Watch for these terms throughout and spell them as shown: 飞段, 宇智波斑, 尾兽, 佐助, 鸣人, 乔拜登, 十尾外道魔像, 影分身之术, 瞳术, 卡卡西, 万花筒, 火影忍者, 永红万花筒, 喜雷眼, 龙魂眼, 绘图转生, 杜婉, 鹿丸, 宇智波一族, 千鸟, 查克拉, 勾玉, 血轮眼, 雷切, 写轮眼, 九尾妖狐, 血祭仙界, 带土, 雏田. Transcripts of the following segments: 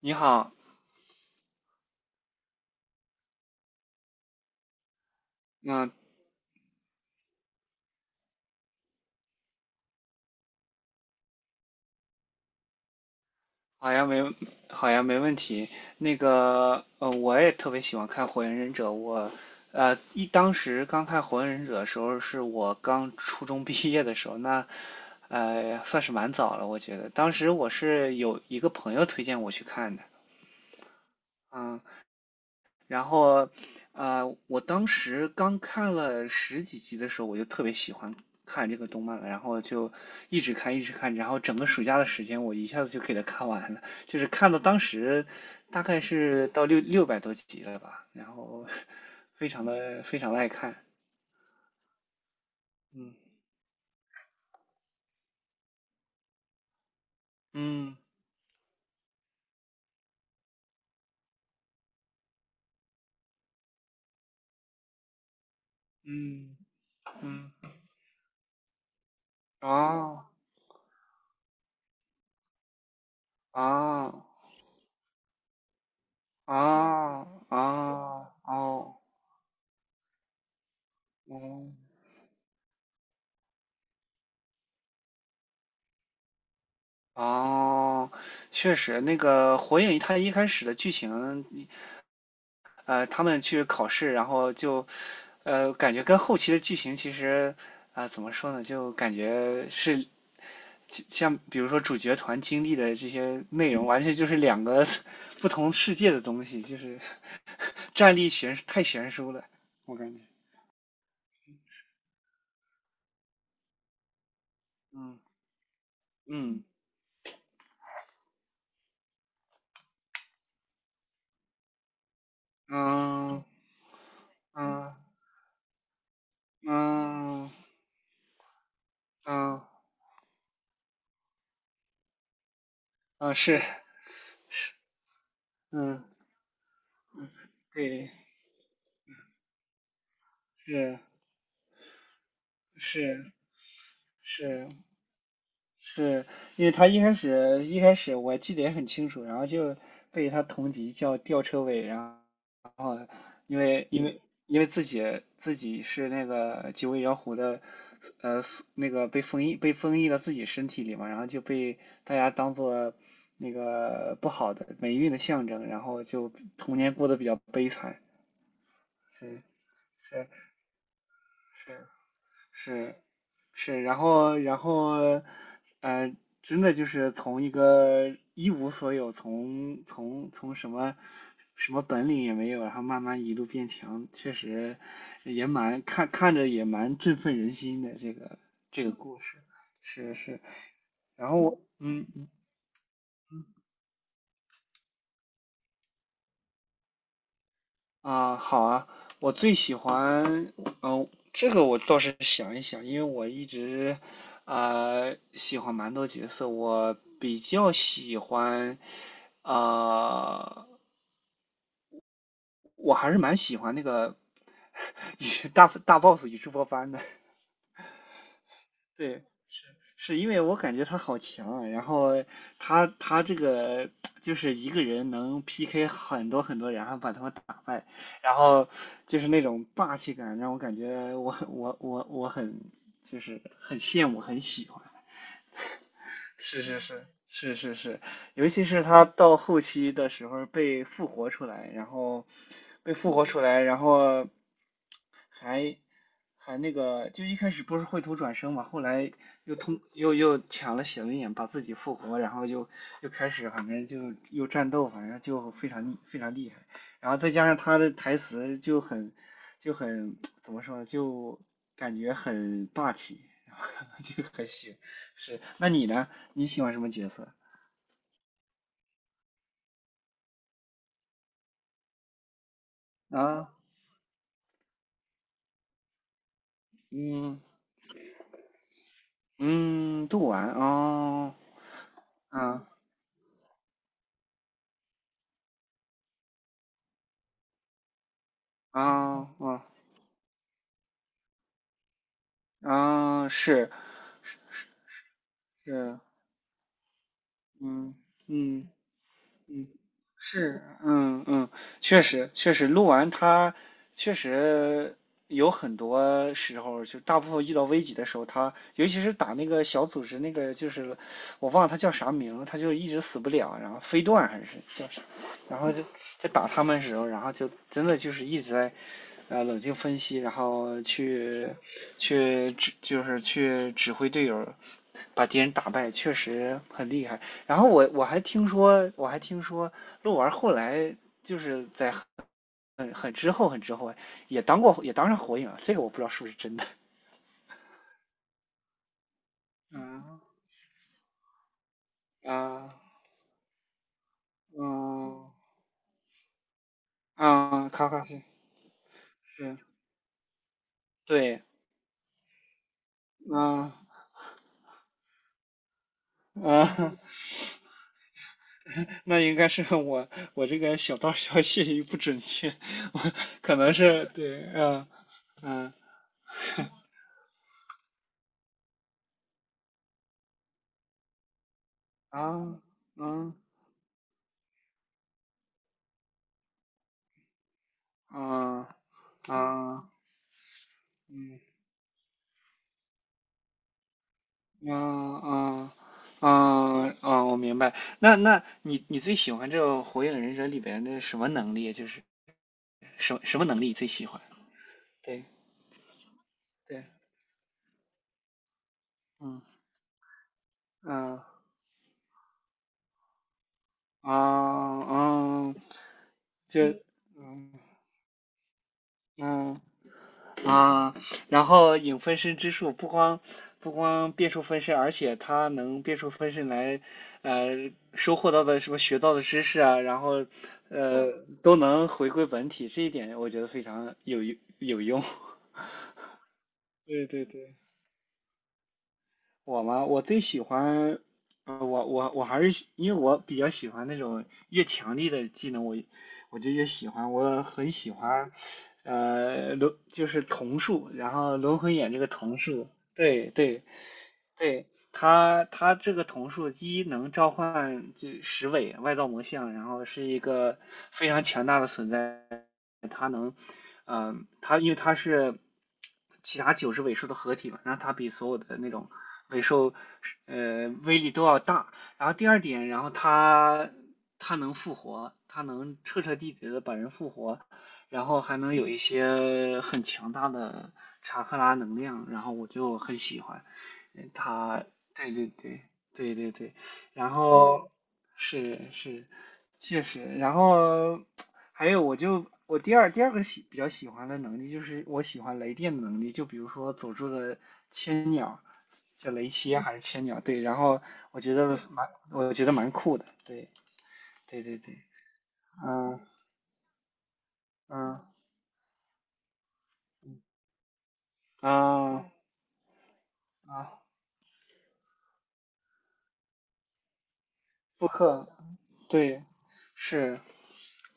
你好，嗯，好呀，没，好呀，没问题。那个，我也特别喜欢看《火影忍者》，当时刚看《火影忍者》的时候，是我刚初中毕业的时候，那，算是蛮早了，我觉得。当时我是有一个朋友推荐我去看的，嗯然后，我当时刚看了十几集的时候，我就特别喜欢看这个动漫了，然后就一直看，一直看，然后整个暑假的时间，我一下子就给它看完了，就是看到当时大概是到六百多集了吧，然后非常的非常的爱看。嗯嗯嗯嗯，啊啊啊啊，哦哦哦。哦哦，确实，那个《火影》它一开始的剧情，他们去考试，然后就，感觉跟后期的剧情其实，怎么说呢，就感觉是像比如说主角团经历的这些内容，完全就是两个 不同世界的东西，就是战力太悬殊了，我感觉。嗯嗯嗯嗯嗯嗯嗯，是，嗯，对，是是。是是因为他一开始我记得也很清楚，然后就被他同级叫吊车尾，然后因为因为因为自己是那个九尾妖狐的，呃，那个被封印到自己身体里嘛，然后就被大家当做那个不好的霉运的象征，然后就童年过得比较悲惨。是是是是，是，然后，呃，真的就是从一个一无所有，从什么本领也没有，然后慢慢一路变强，确实也蛮看着也蛮振奋人心的这个故事，是是，然后我嗯。啊，好啊，我最喜欢，这个我倒是想一想，因为我一直喜欢蛮多角色，我比较喜欢，啊、我还是蛮喜欢那个 与大 boss 宇智波斑的，对，是因为我感觉他好强啊，然后他这个就是一个人能 PK 很多很多人，然后把他们打败，然后就是那种霸气感，让我感觉我就是很羡慕，很喜欢。是是是是是是，尤其是他到后期的时候被复活出来，然后被复活出来，然后还还那个，就一开始不是绘图转生嘛，后来又通又又抢了血轮眼，把自己复活，然后又开始，反正就又战斗，反正就非常厉害。然后再加上他的台词就很怎么说呢，就感觉很霸气，就很喜是。那你呢？你喜欢什么角色啊？嗯嗯，杜婉哦，啊啊啊啊，是是，嗯嗯。嗯，是，嗯嗯，确实确实，录完他确实有很多时候，就大部分遇到危急的时候，他尤其是打那个小组织那个，就是我忘了他叫啥名，他它就一直死不了，然后飞段还是叫啥，然后就在打他们的时候，然后就真的就是一直在冷静分析，然后去去指就是去指挥队友把敌人打败，确实很厉害。然后我还听说，鹿丸后来就是在很之后也当上火影了，这个我不知道是不是真的。嗯啊嗯啊，卡卡西是对，啊啊，那应该是我这个小道消息不准确，我可能是对，嗯嗯啊嗯啊啊嗯啊啊啊啊！我明白。那你最喜欢这个《火影忍者》里边的什么能力？就是什么什么能力最喜欢？对对，嗯嗯啊啊啊，就嗯嗯。啊，然后影分身之术不光变出分身，而且它能变出分身来，收获到的什么学到的知识啊，然后呃都能回归本体，这一点我觉得非常有用。对对对。我嘛，我最喜欢，我还是因为我比较喜欢那种越强力的技能，我就越喜欢，我很喜欢，就是瞳术，然后龙魂眼这个瞳术，对对，对，它这个瞳术一能召唤就十尾外道魔像，然后是一个非常强大的存在，它能，它因为它是其他九只尾兽的合体嘛，那它比所有的那种尾兽是威力都要大。然后第二点，然后它能复活，它能彻彻底底的把人复活，然后还能有一些很强大的查克拉能量，然后我就很喜欢。嗯他，对对对对对对，然后是是，确实，然后还有我第二个比较喜欢的能力就是我喜欢雷电的能力，就比如说佐助的千鸟，叫雷切还是千鸟，对，然后我觉得蛮酷的，对对对对，嗯嗯啊啊，布克，对是，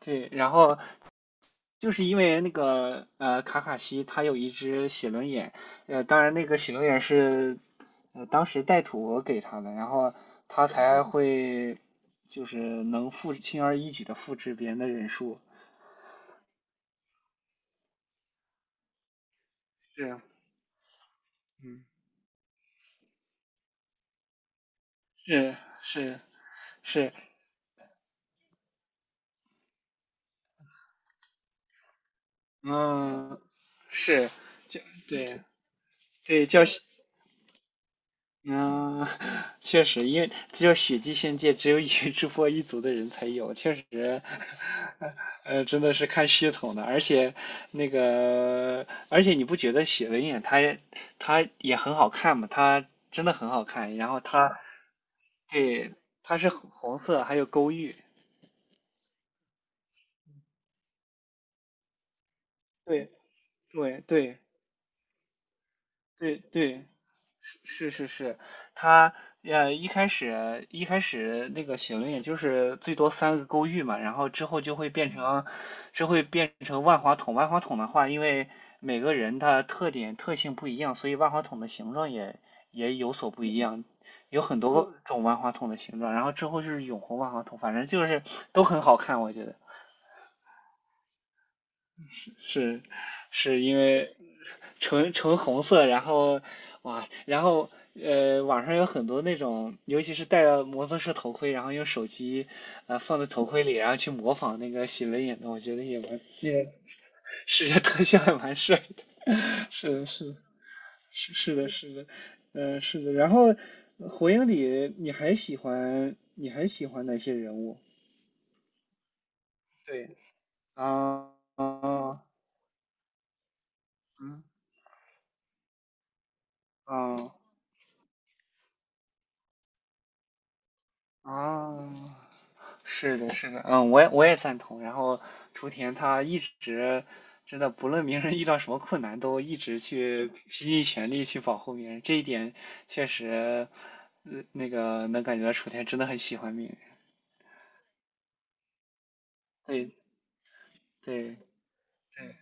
对，然后就是因为那个卡卡西他有一只写轮眼，当然那个写轮眼是当时带土给他的，然后他才会就是轻而易举的复制别人的忍术。是，嗯，是是是，嗯，是，就对对，叫喜嗯，确实，因为只有血祭仙界只有宇智波一族的人才有，确实，真的是看系统的。而且那个，而且你不觉得写轮眼它也很好看吗？它真的很好看，然后它对它是红红色，还有勾玉，对对对对对，是是是，它一开始那个写轮眼就是最多三个勾玉嘛，然后之后就会变成万花筒。万花筒的话，因为每个人他特点特性不一样，所以万花筒的形状也有所不一样，有很多种万花筒的形状。然后之后就是永红万花筒，反正就是都很好看，我觉得是是因为纯纯红色，然后哇，然后网上有很多那种，尤其是戴了摩托车头盔，然后用手机放在头盔里，然后去模仿那个喜雷眼的，我觉得也蛮也 视觉特效也蛮帅。是的，是的，是是的，是的，是的。然后，火影里你还喜欢哪些人物？对啊啊嗯啊啊，是的，是的，嗯，我也赞同。然后雏田他一直真的不论鸣人遇到什么困难，都一直去拼尽全力去保护鸣人，这一点确实，那个能感觉到雏田真的很喜欢鸣人。对对对。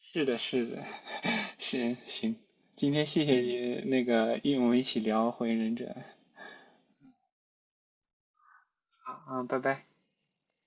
是的，是的，行行，今天谢谢你那个，因为我们一起聊《火影忍者》，好啊，拜拜。